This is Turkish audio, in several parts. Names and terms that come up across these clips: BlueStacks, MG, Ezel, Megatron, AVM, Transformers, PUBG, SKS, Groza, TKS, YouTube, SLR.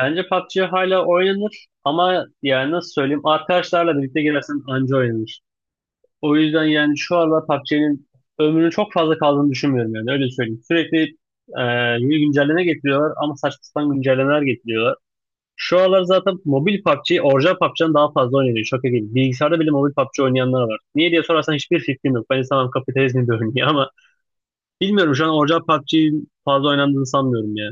Bence PUBG hala oynanır ama yani nasıl söyleyeyim arkadaşlarla birlikte girersen anca oynanır. O yüzden yani şu aralar PUBG'nin ömrünün çok fazla kaldığını düşünmüyorum yani öyle söyleyeyim. Sürekli e, yeni güncelleme getiriyorlar ama saçma sapan güncellemeler getiriyorlar. Şu aralar zaten mobil PUBG, orijinal PUBG'den daha fazla oynanıyor. Şaka gibi. Bilgisayarda bile mobil PUBG oynayanlar var. Niye diye sorarsan hiçbir fikrim yok. Ben insanım, kapitalizmin bir ürünü ama bilmiyorum şu an orijinal PUBG'nin fazla oynandığını sanmıyorum ya.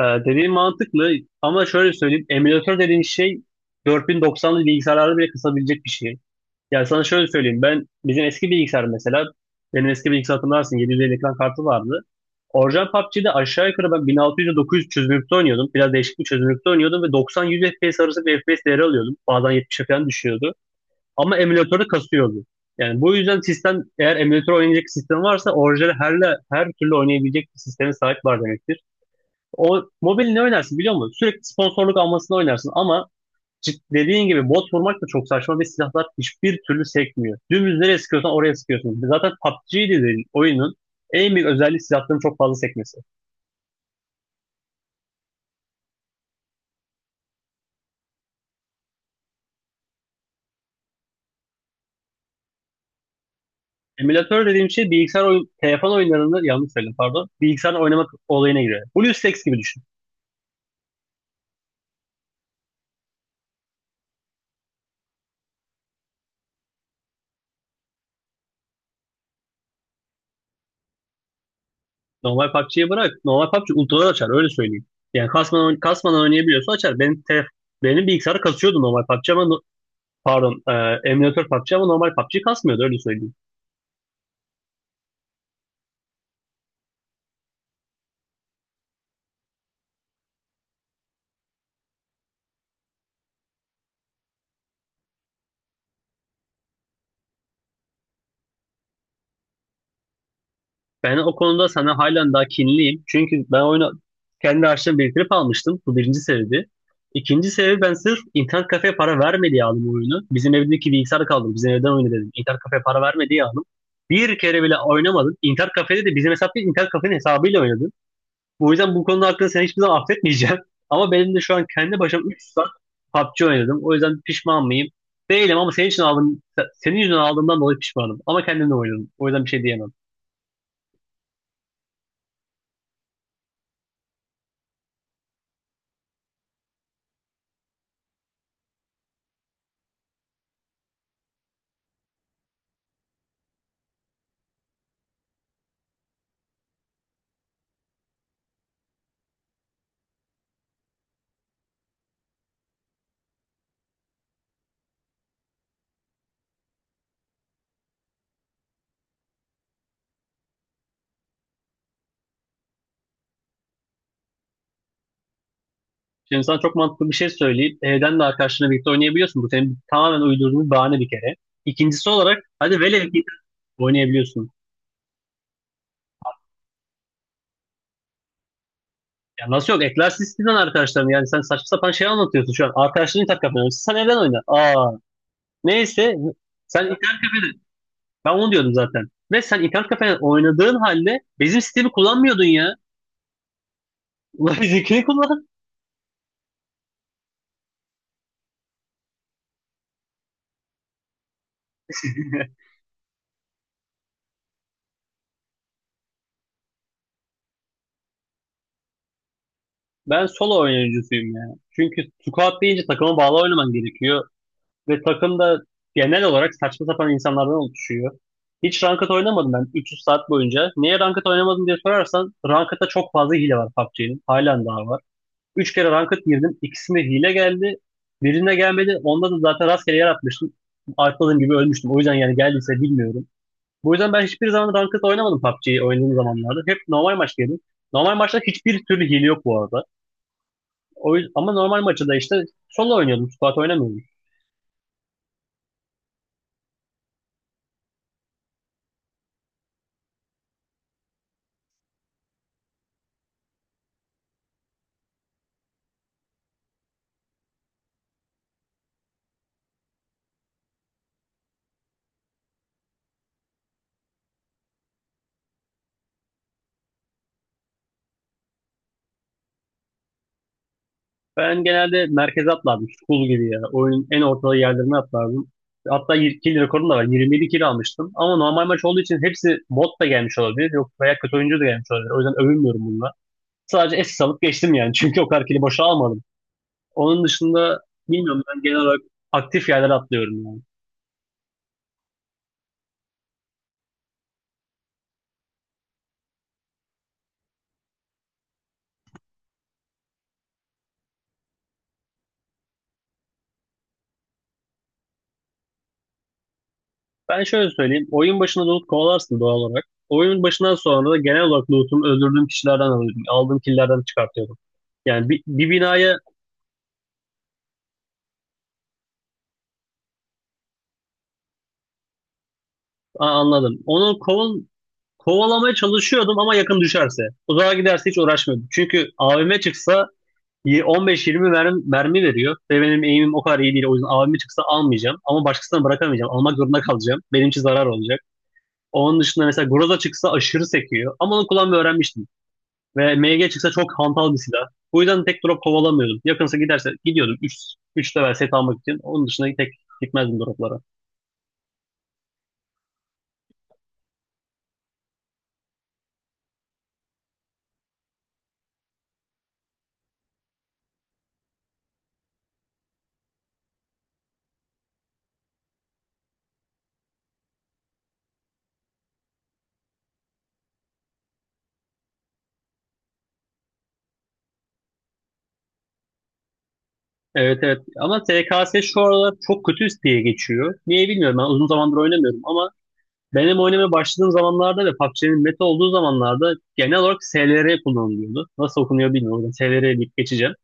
Dediğin mantıklı ama şöyle söyleyeyim. Emülatör dediğin şey 4090'lı bilgisayarları bile kısabilecek bir şey. Yani sana şöyle söyleyeyim. Ben bizim eski bilgisayar mesela benim eski bilgisayar hatırlarsın 750 ekran kartı vardı. Orijinal PUBG'de aşağı yukarı ben 1600-900 çözünürlükte oynuyordum. Biraz değişik bir çözünürlükte oynuyordum ve 90-100 FPS arası bir FPS değeri alıyordum. Bazen 70'e falan düşüyordu. Ama emülatörü kasıyordu. Yani bu yüzden sistem, eğer emülatör oynayacak sistem varsa orijinal her türlü oynayabilecek bir sisteme sahip var demektir. O mobil ne oynarsın biliyor musun? Sürekli sponsorluk almasını oynarsın ama dediğin gibi bot vurmak da çok saçma ve silahlar hiçbir türlü sekmiyor. Dümdüz nereye sıkıyorsan oraya sıkıyorsun. Zaten PUBG dediğin oyunun en büyük özelliği silahların çok fazla sekmesi. Emülatör dediğim şey bilgisayar oyun, telefon oyunlarında yanlış söyledim, pardon. Bilgisayar oynamak olayına giriyor. BlueStacks gibi düşün. Normal PUBG'yi bırak. Normal PUBG ultralar açar öyle söyleyeyim. Yani kasmadan, kasmadan oynayabiliyorsa açar. Benim bilgisayarı kasıyordu normal PUBG ama pardon, emülatör PUBG ama normal PUBG kasmıyordu öyle söyleyeyim. Ben o konuda sana halen daha kinliyim. Çünkü ben oyunu kendi harçlığımı biriktirip almıştım. Bu birinci sebebi. İkinci sebebi, ben sırf internet kafeye para vermedi diye aldım oyunu. Bizim evdeki bilgisayarı kaldım. Bizim evden oyunu dedim. İnternet kafeye para vermedi diye aldım. Bir kere bile oynamadım. İnternet kafede de bizim hesap değil, internet kafenin hesabıyla oynadım. Bu yüzden bu konuda hakkında seni hiçbir zaman affetmeyeceğim. Ama benim de şu an kendi başıma 3 saat PUBG oynadım. O yüzden pişman mıyım? Değilim, ama senin için aldım, senin yüzünden aldığımdan dolayı pişmanım. Ama kendimle oynadım. O yüzden bir şey diyemem. Şimdi sana çok mantıklı bir şey söyleyip, evden de arkadaşlarınla birlikte oynayabiliyorsun. Bu senin tamamen uydurduğun bir bahane bir kere. İkincisi olarak hadi velev ki oynayabiliyorsun. Ya nasıl yok? Eklersin istediğin arkadaşlarını. Yani sen saçma sapan şey anlatıyorsun şu an. Arkadaşların tak kapanıyor. Sen evden oyna. Aa. Neyse. Sen Ben onu diyordum zaten. Ve sen internet kafede oynadığın halde bizim sistemi kullanmıyordun ya. Ulan bizimkini kullan. Ben solo oynayıcısıyım ya. Çünkü squad deyince takıma bağlı oynaman gerekiyor. Ve takım da genel olarak saçma sapan insanlardan oluşuyor. Hiç ranked oynamadım ben 300 saat boyunca. Niye ranked oynamadım diye sorarsan, ranked'da çok fazla hile var PUBG'nin. Halen daha var. 3 kere ranked girdim. İkisinde hile geldi. Birine gelmedi. Onda da zaten rastgele yer atmıştım. Atladığım gibi ölmüştüm. O yüzden yani geldiyse bilmiyorum. Bu yüzden ben hiçbir zaman ranked oynamadım PUBG'yi oynadığım zamanlarda. Hep normal maç yedim. Normal maçta hiçbir türlü hile yok bu arada. O yüzden, ama normal maçta da işte solo oynuyordum. Squad oynamıyordum. Ben genelde merkeze atlardım. School gibi ya. Oyunun en ortalığı yerlerine atlardım. Hatta kill rekorum da var. 27 kill almıştım. Ama normal maç olduğu için hepsi bot da gelmiş olabilir. Yok, veya kötü oyuncu da gelmiş olabilir. O yüzden övünmüyorum bununla. Sadece SS alıp geçtim yani. Çünkü o kadar kill'i boşa almadım. Onun dışında bilmiyorum, ben genel olarak aktif yerlere atlıyorum yani. Ben şöyle söyleyeyim. Oyun başında loot kovalarsın doğal olarak. Oyunun başından sonra da genel olarak lootumu öldürdüğüm kişilerden alıyordum. Aldığım killlerden çıkartıyordum. Yani bir binaya. Aa, anladım. Kovalamaya çalışıyordum ama yakın düşerse. Uzağa giderse hiç uğraşmıyordum. Çünkü AVM çıksa 15-20 mermi veriyor. Ve benim aim'im o kadar iyi değil. O yüzden AVM çıksa almayacağım. Ama başkasına bırakamayacağım. Almak zorunda kalacağım. Benim için zarar olacak. Onun dışında mesela Groza çıksa aşırı sekiyor. Ama onu kullanmayı öğrenmiştim. Ve MG çıksa çok hantal bir silah. Bu yüzden tek drop kovalamıyordum. Yakınsa giderse gidiyordum. 3 level set almak için. Onun dışında tek gitmezdim droplara. Evet evet, ama TKS şu aralar çok kötü diye geçiyor. Niye bilmiyorum, ben uzun zamandır oynamıyorum ama benim oynamaya başladığım zamanlarda ve PUBG'nin meta olduğu zamanlarda genel olarak SLR kullanılıyordu. Nasıl okunuyor bilmiyorum. SLR deyip geçeceğim.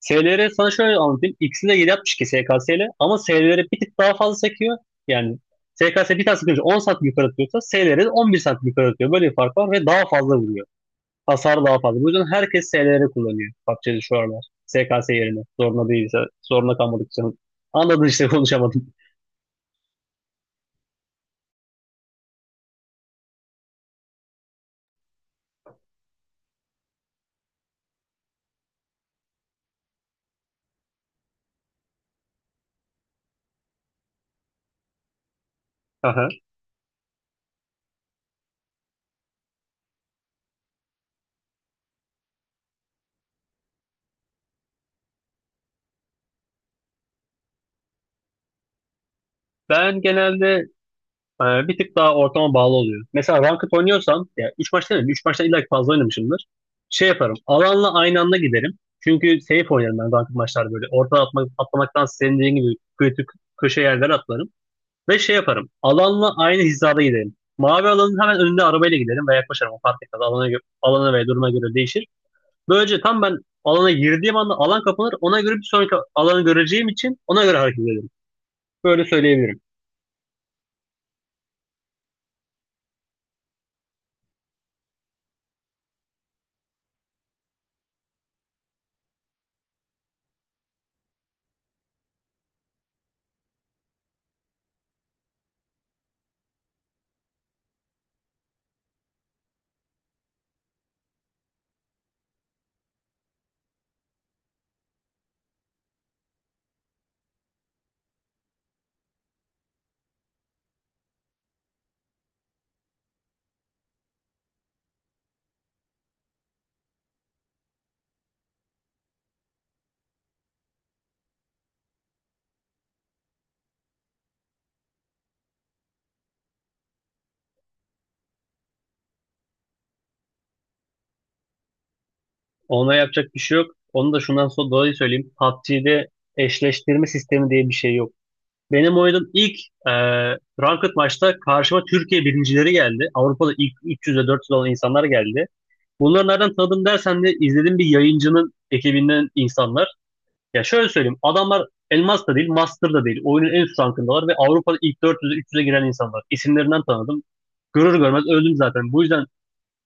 SLR, sana şöyle anlatayım. İkisi de 7.62 SKS ile, ama SLR bir tık daha fazla sekiyor. Yani SKS bir tane sıkınca 10 santim yukarı atıyorsa, SLR 11 santim yukarı atıyor. Böyle bir fark var ve daha fazla vuruyor. Hasar daha fazla. Bu yüzden herkes SLR kullanıyor PUBG'de şu aralar. SKS yerine. Zorunda değilse. Zorunda kalmadık canım. Anladın işte. Konuşamadım. Aha. Ben genelde bir tık daha ortama bağlı oluyor. Mesela ranked oynuyorsam, ya 3 maç değil, 3 maçtan illa ki fazla oynamışımdır. Şey yaparım, alanla aynı anda giderim. Çünkü safe oynarım ben ranked maçlarda böyle. Orta atmak, atlamaktan senin dediğin gibi kötü köşe yerlere atlarım. Ve şey yaparım, alanla aynı hizada giderim. Mavi alanın hemen önünde arabayla giderim ve yaklaşırım. O fark etmez. Alana, alana ve duruma göre değişir. Böylece tam ben alana girdiğim anda alan kapanır. Ona göre bir sonraki alanı göreceğim için ona göre hareket ederim. Böyle söyleyebilirim. Ona yapacak bir şey yok. Onu da şundan sonra dolayı söyleyeyim. PUBG'de eşleştirme sistemi diye bir şey yok. Benim oynadığım ilk e, ranked maçta karşıma Türkiye birincileri geldi. Avrupa'da ilk 300'e 400 olan insanlar geldi. Bunları nereden tanıdım dersen de izlediğim bir yayıncının ekibinden insanlar. Ya şöyle söyleyeyim. Adamlar Elmas da değil, Master da değil. Oyunun en üst rankındalar ve Avrupa'da ilk 400'e 300'e giren insanlar. İsimlerinden tanıdım. Görür görmez öldüm zaten. Bu yüzden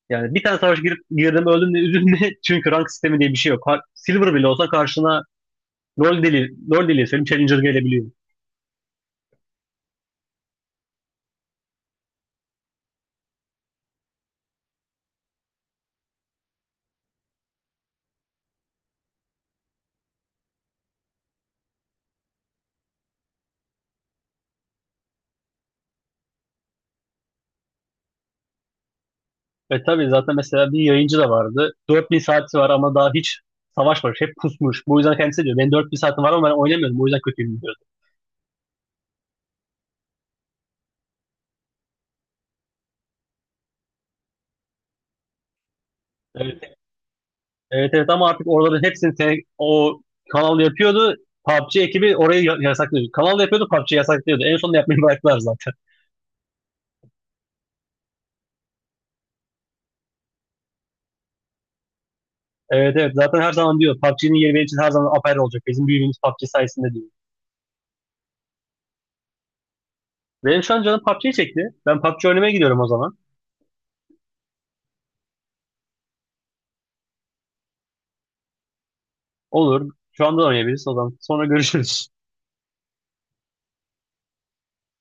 yani bir tane savaş girip girdim, öldüm de üzülme. Çünkü rank sistemi diye bir şey yok. Silver bile olsa karşına LoL deli, LoL deli senin Challenger gelebiliyor. Ve tabii zaten mesela bir yayıncı da vardı. 4000 saati var ama daha hiç savaşmamış. Hep pusmuş. Bu yüzden kendisi diyor, benim 4000 saatim var ama ben oynamıyorum, bu yüzden kötüyüm diyordu. Evet, evet, evet ama artık oraların hepsini o kanal yapıyordu. PUBG ekibi orayı yasaklıyordu. Kanal yapıyordu, PUBG yasaklıyordu. En sonunda yapmayı bıraktılar zaten. Evet evet, zaten her zaman diyor PUBG'nin yeri benim için her zaman apayrı olacak. Bizim büyüğümüz PUBG sayesinde diyor. Benim şu an canım PUBG çekti. Ben PUBG oynamaya gidiyorum o zaman. Olur. Şu anda oynayabiliriz o zaman. Sonra görüşürüz.